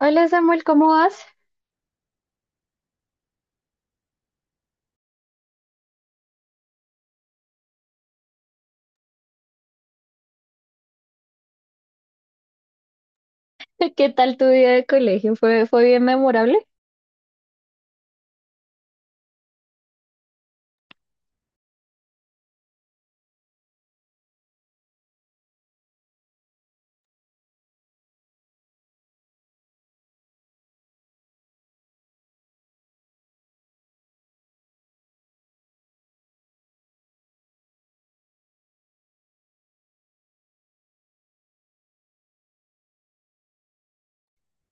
Hola Samuel, ¿cómo vas? ¿Qué tal tu día de colegio? ¿Fue bien memorable?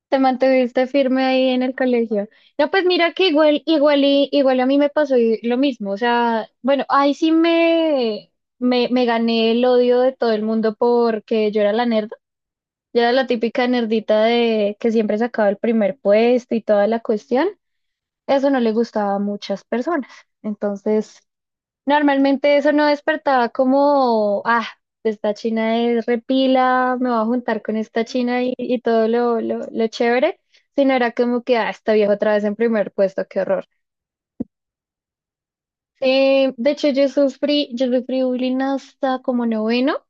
¿Te mantuviste firme ahí en el colegio? No, pues mira que igual, igual, igual a mí me pasó lo mismo. O sea, bueno, ahí sí me gané el odio de todo el mundo porque yo era la nerda. Yo era la típica nerdita de que siempre sacaba el primer puesto y toda la cuestión. Eso no le gustaba a muchas personas. Entonces... normalmente eso no despertaba como, ah, esta china es repila, me voy a juntar con esta china y todo lo chévere, sino era como que, ah, esta vieja otra vez en primer puesto, qué horror. De hecho, yo sufrí bullying hasta como noveno,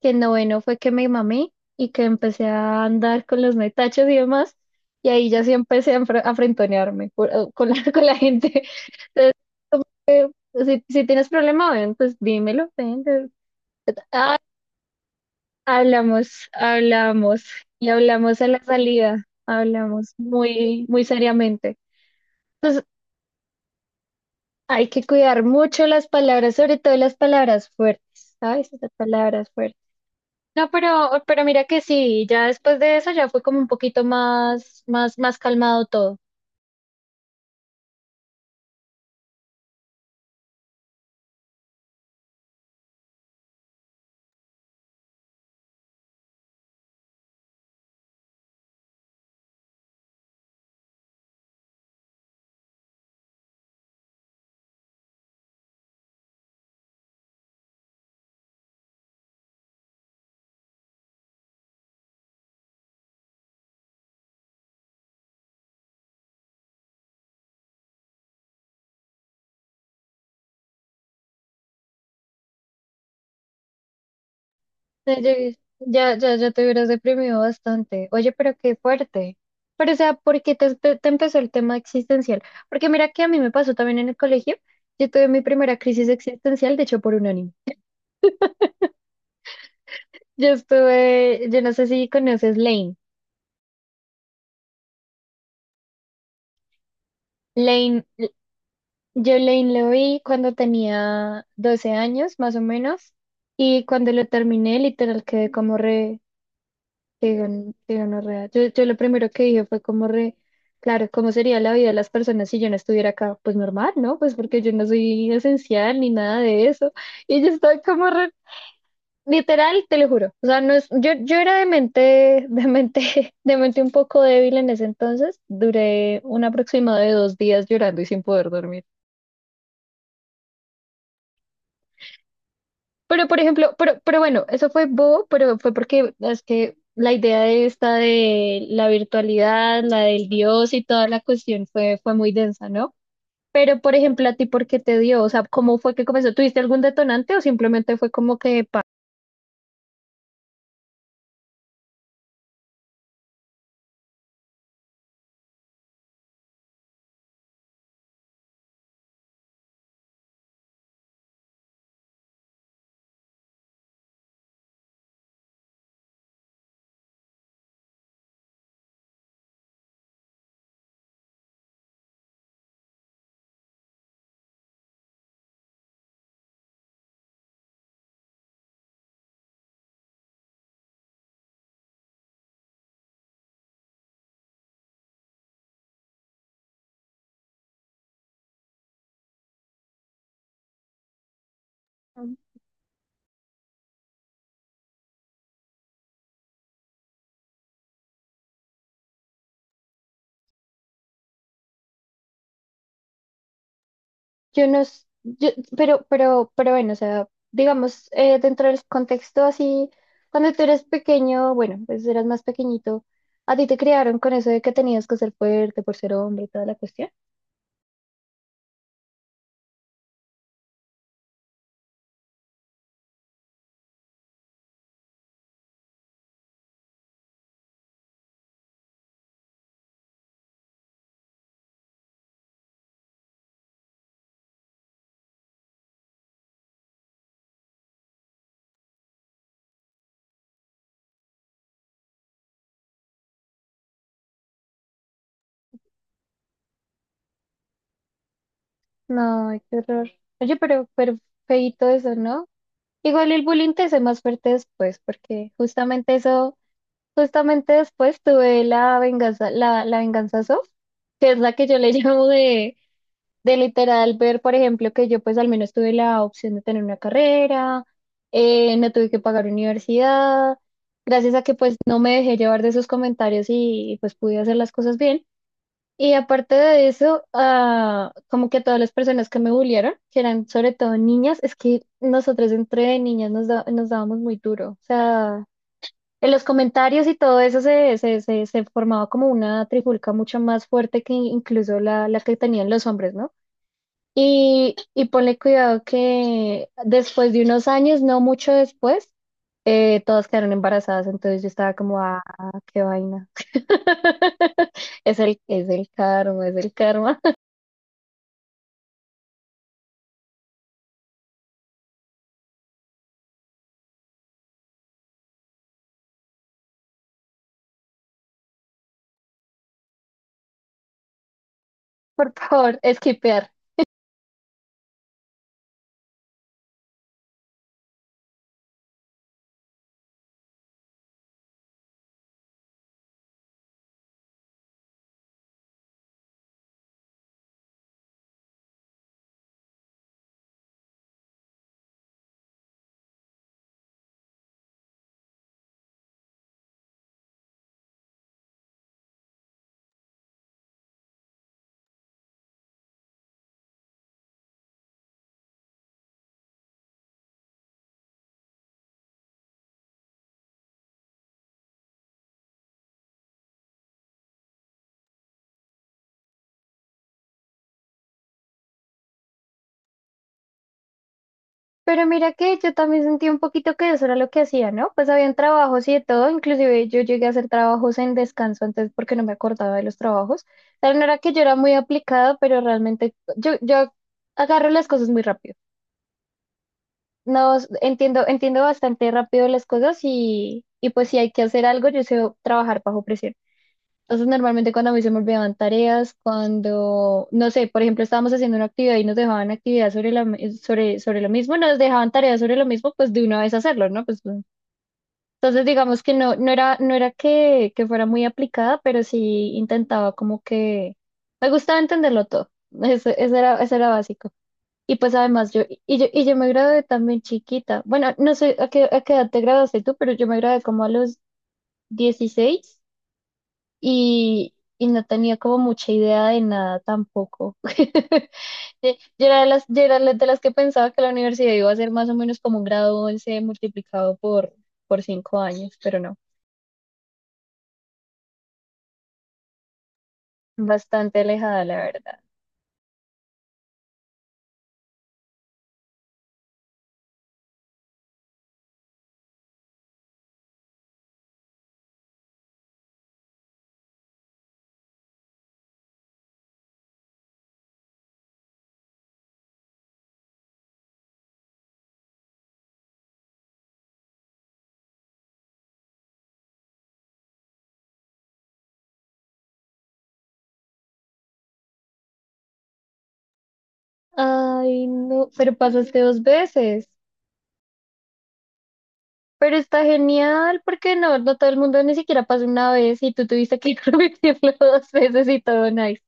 que en noveno fue que me mamé y que empecé a andar con los metachos y demás, y ahí ya sí empecé a, a frentonearme con la, con la gente. Entonces, como, si tienes problema, ven, pues dímelo, ven. Ah, hablamos, hablamos y hablamos a la salida, hablamos muy seriamente. Entonces, hay que cuidar mucho las palabras, sobre todo las palabras fuertes, ¿sabes? Las palabras fuertes. No, pero mira que sí, ya después de eso ya fue como un poquito más calmado todo. Ya, ya te hubieras deprimido bastante. Oye, pero qué fuerte. Pero, o sea, ¿por qué te empezó el tema existencial? Porque mira que a mí me pasó también en el colegio. Yo tuve mi primera crisis existencial, de hecho, por un anime. Yo estuve, yo no sé si conoces Lane. Lane, yo Lane lo vi cuando tenía 12 años, más o menos. Y cuando lo terminé, literal, quedé como re, qué qué gonorrea. Yo lo primero que dije fue como re, claro, ¿cómo sería la vida de las personas si yo no estuviera acá? Pues normal, ¿no? Pues porque yo no soy esencial ni nada de eso. Y yo estaba como re, literal, te lo juro. O sea, no es, yo era de mente, de mente un poco débil en ese entonces. Duré un aproximado de 2 días llorando y sin poder dormir. Pero, por ejemplo, pero bueno, eso fue bobo, pero fue porque es que la idea de esta de la virtualidad, la del Dios y toda la cuestión fue muy densa, ¿no? Pero, por ejemplo, ¿a ti por qué te dio? O sea, ¿cómo fue que comenzó? ¿Tuviste algún detonante o simplemente fue como que... pa- Yo no, s- yo, pero bueno, o sea, digamos, dentro del contexto así, cuando tú eres pequeño, bueno, pues eras más pequeñito, a ti te criaron con eso de que tenías que ser fuerte por ser hombre y toda la cuestión. No, ay, qué horror. Oye, pero feíto eso, ¿no? Igual el bullying te hace más fuerte después, porque justamente eso, justamente después tuve la venganza, la venganza soft, que es la que yo le llamo de literal ver, por ejemplo, que yo pues al menos tuve la opción de tener una carrera, no tuve que pagar universidad, gracias a que pues no me dejé llevar de esos comentarios pues pude hacer las cosas bien. Y aparte de eso, ah, como que todas las personas que me bullearon, que eran sobre todo niñas, es que nosotros entre niñas nos, nos dábamos muy duro. O sea, en los comentarios y todo eso se formaba como una trifulca mucho más fuerte que incluso la, la que tenían los hombres, ¿no? Y ponle cuidado que después de unos años, no mucho después, todas quedaron embarazadas, entonces yo estaba como, ah, qué vaina. Es el karma, es el karma. Por favor, esquipear. Pero mira que yo también sentí un poquito que eso era lo que hacía, ¿no? Pues habían trabajos y de todo, inclusive yo llegué a hacer trabajos en descanso antes porque no me acordaba de los trabajos. Pero no era que yo era muy aplicada, pero realmente yo agarro las cosas muy rápido. No, s- entiendo, entiendo bastante rápido las cosas y pues si hay que hacer algo, yo sé trabajar bajo presión. Entonces, normalmente cuando a mí se me olvidaban tareas, cuando, no sé, por ejemplo, estábamos haciendo una actividad y nos dejaban actividad sobre sobre, sobre lo mismo, nos dejaban tareas sobre lo mismo, pues de una vez hacerlo, ¿no? Pues, entonces, digamos que no, no era que fuera muy aplicada, pero sí intentaba como que me gustaba entenderlo todo. Eso, eso era básico. Y pues además yo me gradué también chiquita. Bueno, no sé a qué edad te graduaste tú, pero yo me gradué como a los 16 y no tenía como mucha idea de nada tampoco. Yo yo era de las que pensaba que la universidad iba a ser más o menos como un grado 11 multiplicado por 5 años, pero no, bastante alejada la verdad. Ay, no, pero pasaste dos veces. Pero está genial porque no, no todo el mundo ni siquiera pasa una vez y tú tuviste que repetirlo dos veces y todo nice.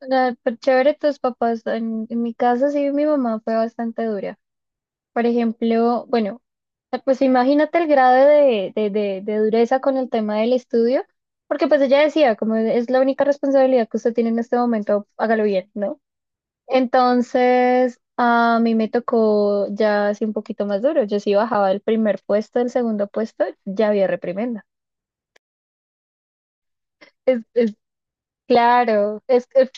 Nada, pero chévere, tus papás, en mi caso sí, mi mamá fue bastante dura. Por ejemplo, bueno, pues imagínate el grado de dureza con el tema del estudio, porque pues ella decía, como es la única responsabilidad que usted tiene en este momento, hágalo bien, ¿no? Entonces, a mí me tocó ya así un poquito más duro. Yo sí bajaba del primer puesto, del segundo puesto, ya había reprimenda. Es claro, es que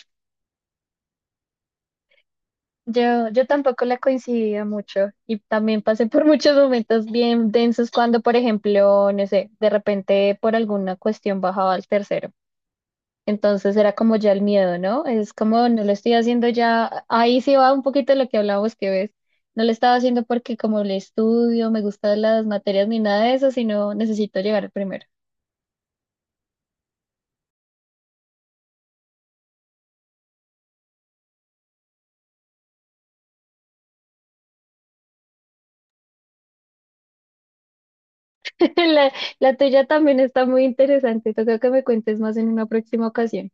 yo tampoco la coincidía mucho y también pasé por muchos momentos bien densos cuando, por ejemplo, no sé, de repente por alguna cuestión bajaba al tercero. Entonces era como ya el miedo, ¿no? Es como no lo estoy haciendo ya, ahí sí va un poquito lo que hablábamos que ves. No lo estaba haciendo porque como le estudio, me gustan las materias ni nada de eso, sino necesito llegar primero. La, la tuya también está muy interesante. Toca que me cuentes más en una próxima ocasión.